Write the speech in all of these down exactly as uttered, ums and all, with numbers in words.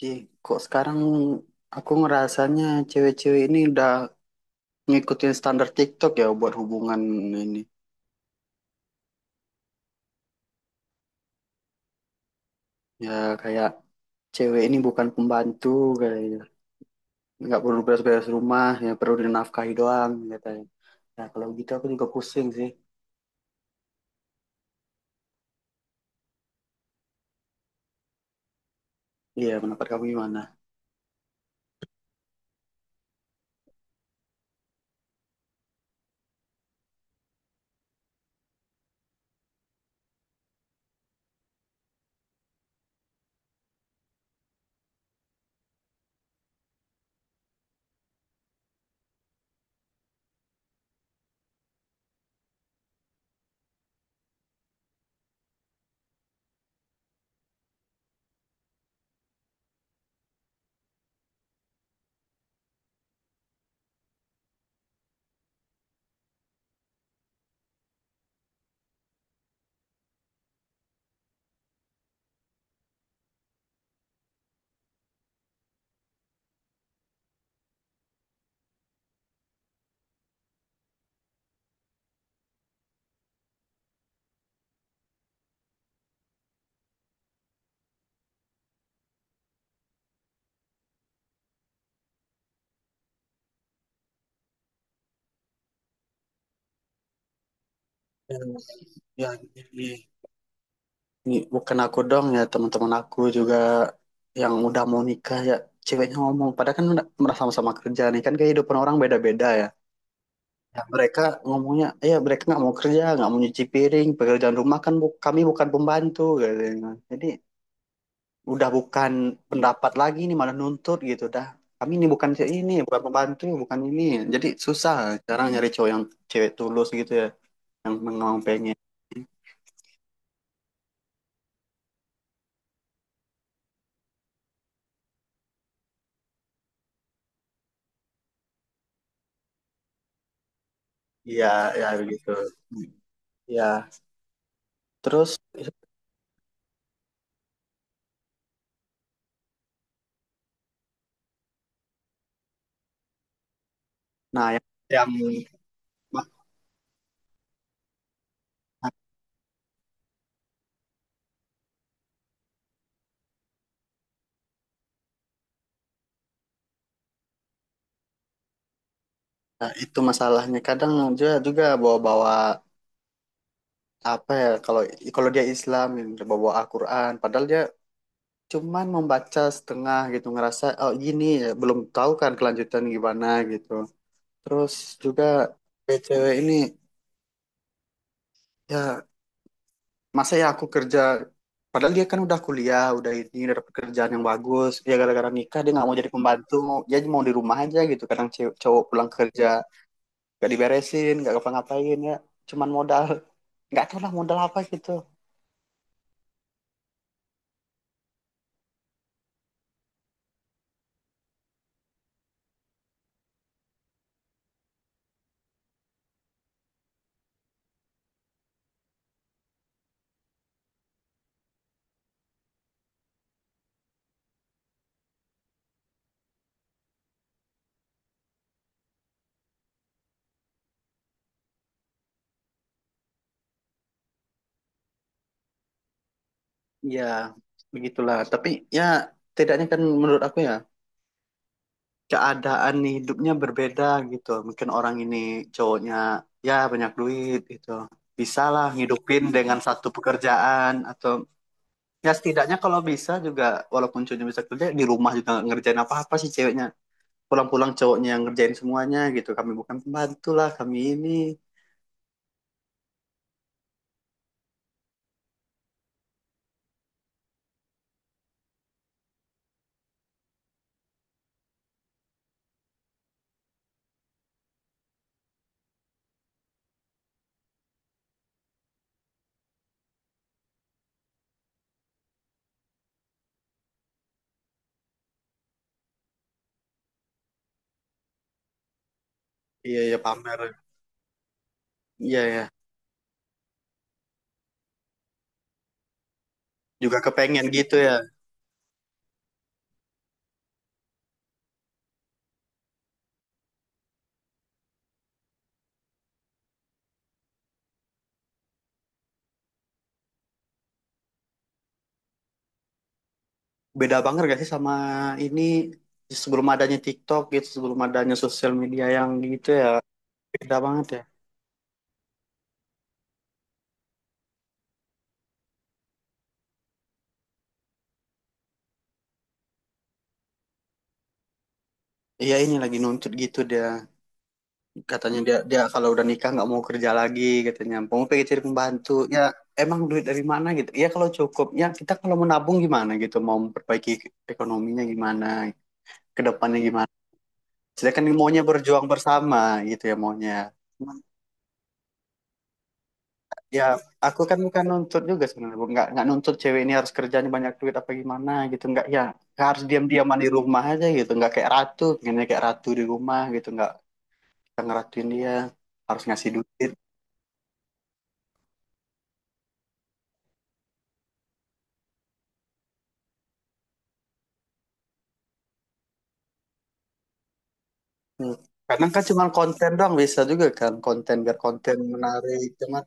Ji, kok sekarang aku ngerasanya cewek-cewek ini udah ngikutin standar TikTok ya buat hubungan ini. Ya kayak cewek ini bukan pembantu kayaknya. Nggak perlu beres-beres rumah, ya perlu dinafkahi doang katanya. Nah kalau gitu aku juga pusing sih. Iya, pendapat kamu gimana? Ya, ya, ini, ini bukan aku dong ya teman-teman aku juga yang udah mau nikah ya ceweknya ngomong. Padahal kan udah- merasa sama-sama kerja nih kan kehidupan orang beda-beda ya. Ya, mereka ngomongnya, ya mereka nggak mau kerja, nggak mau nyuci piring, pekerjaan rumah kan bu- kami bukan pembantu, katanya. Jadi udah bukan pendapat lagi nih malah nuntut gitu dah. Kami ini bukan si- ini, bukan pembantu, bukan ini. Jadi susah sekarang nyari cowok yang cewek tulus gitu ya, yang memang pengen. Iya, ya begitu. Ya, terus nah yang, yang nah, itu masalahnya kadang dia juga bawa-bawa apa ya kalau kalau dia Islam bawa-bawa Al-Qur'an padahal dia cuman membaca setengah gitu ngerasa oh gini ya belum tahu kan kelanjutan gimana gitu terus juga kayak cewek ini ya masa ya aku kerja padahal dia kan udah kuliah udah ini udah dapet kerjaan yang bagus ya gara-gara nikah dia nggak mau jadi pembantu mau dia mau di rumah aja gitu kadang cew- cowok pulang kerja gak diberesin gak ngapa-ngapain ya cuman modal nggak tahu lah modal apa gitu. Ya begitulah, tapi ya tidaknya kan menurut aku ya keadaan hidupnya berbeda gitu. Mungkin orang ini cowoknya ya banyak duit gitu. Bisa lah ngidupin dengan satu pekerjaan atau ya setidaknya kalau bisa juga walaupun cowoknya bisa kerja di rumah juga nggak ngerjain apa-apa sih ceweknya. Pulang-pulang cowoknya yang ngerjain semuanya gitu. Kami bukan pembantu lah, kami ini. Iya ya pamer. Iya ya. Juga kepengen gitu ya. Beda banget gak sih sama ini sebelum adanya TikTok gitu, sebelum adanya sosial media yang gitu ya. Beda banget ya. Iya ini lagi nuntut gitu dia katanya dia dia kalau udah nikah nggak mau kerja lagi katanya mau pengen cari pembantu ya emang duit dari mana gitu ya kalau cukup ya kita kalau menabung gimana gitu mau memperbaiki ekonominya gimana kedepannya depannya gimana sedangkan maunya berjuang bersama gitu ya maunya. Cuman, ya aku kan bukan nuntut juga sebenarnya Bu. nggak nggak nuntut cewek ini harus kerjanya banyak duit apa gimana gitu nggak ya nggak harus diam-diaman di rumah aja gitu nggak kayak ratu pengennya kayak ratu di rumah gitu nggak kita ngeratuin dia harus ngasih duit. Hmm. Kadang kan cuma konten doang bisa juga kan konten biar konten menarik cuma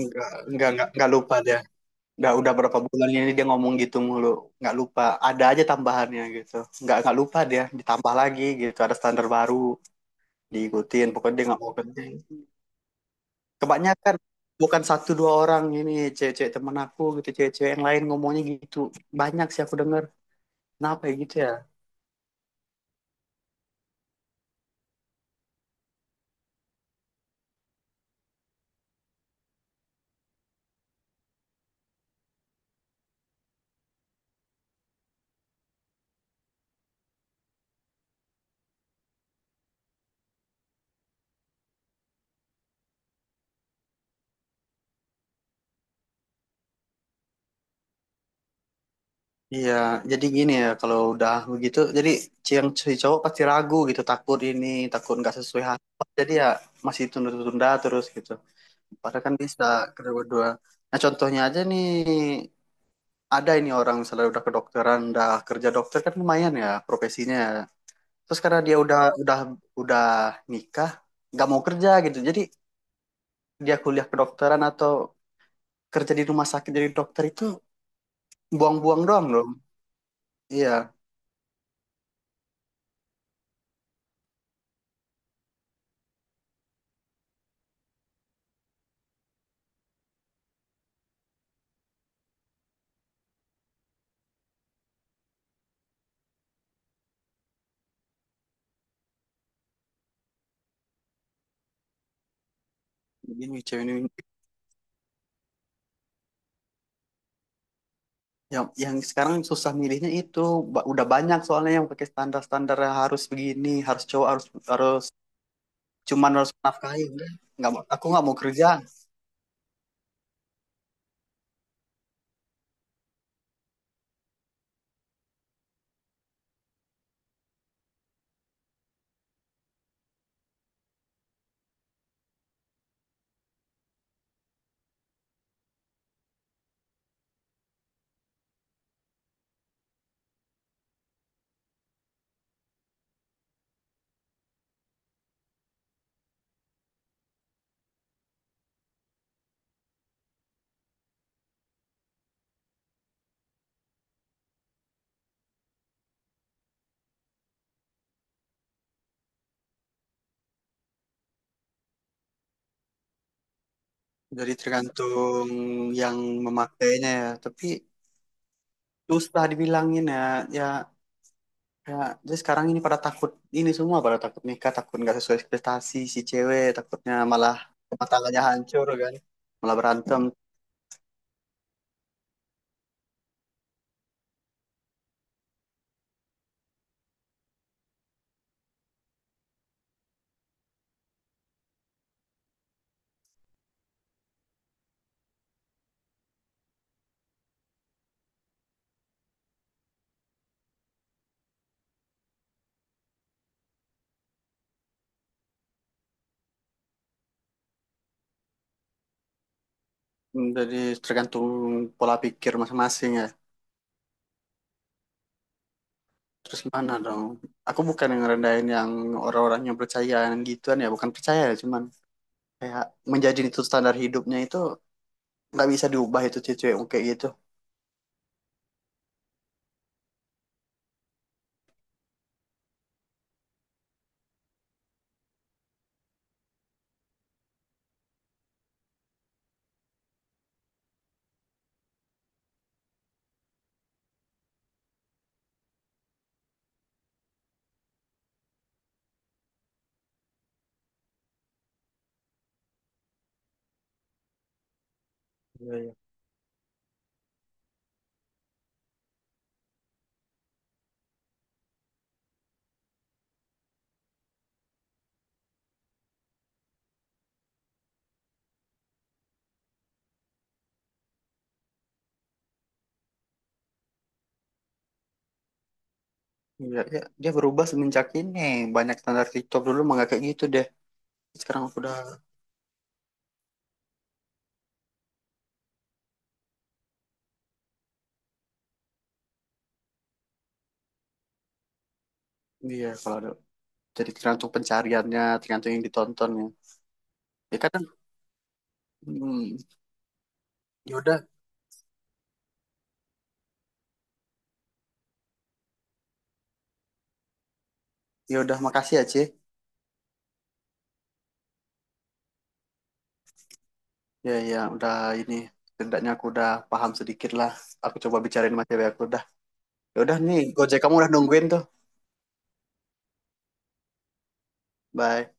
nggak nggak nggak nggak lupa dia udah udah berapa bulan ini dia ngomong gitu mulu nggak lupa ada aja tambahannya gitu nggak nggak lupa dia ditambah lagi gitu ada standar baru diikutin pokoknya dia nggak mau berhenti kebanyakan bukan satu dua orang ini cewek-cewek temen aku gitu cewek-cewek yang lain ngomongnya gitu banyak sih aku denger kenapa ya gitu ya. Iya, jadi gini ya kalau udah begitu, jadi si yang si cowok pasti ragu gitu, takut ini, takut nggak sesuai harapan. Jadi ya masih tunda-tunda terus gitu. Padahal kan bisa kedua-dua. Nah contohnya aja nih, ada ini orang misalnya udah kedokteran, udah kerja dokter kan lumayan ya profesinya. Terus karena dia udah udah udah nikah, nggak mau kerja gitu. Jadi dia kuliah kedokteran atau kerja di rumah sakit jadi dokter itu buang-buang doang dong. Iya, begini cewek ini yang yang sekarang susah milihnya itu Ba- udah banyak soalnya yang pakai standar-standar yang harus begini harus cowok harus harus cuman harus menafkahi udah nggak mau aku nggak mau kerja jadi tergantung yang memakainya ya tapi susah dibilangin ya ya ya jadi sekarang ini pada takut ini semua pada takut nikah takut nggak sesuai ekspektasi si cewek takutnya malah rumah tangganya hancur kan malah berantem jadi tergantung pola pikir masing-masing ya. Terus gimana dong? Aku bukan yang ngerendahin yang orang-orang yang percaya yang gituan ya, bukan percaya ya, cuman kayak menjadi itu standar hidupnya itu nggak bisa diubah itu cewek kayak gitu. Iya, iya. Iya, iya. Dia berubah semenjak ini banyak standar TikTok, dulu mah nggak kayak gitu deh. Sekarang aku udah iya kalau ada jadi tergantung pencariannya, tergantung yang ditontonnya. Ya. Ya kadang hmm, ya udah, ya udah makasih ya, Ci. Ya ya udah ini setidaknya aku udah paham sedikit lah. Aku coba bicarain sama cewek aku dah. Ya udah nih, Gojek kamu udah nungguin tuh. Bye.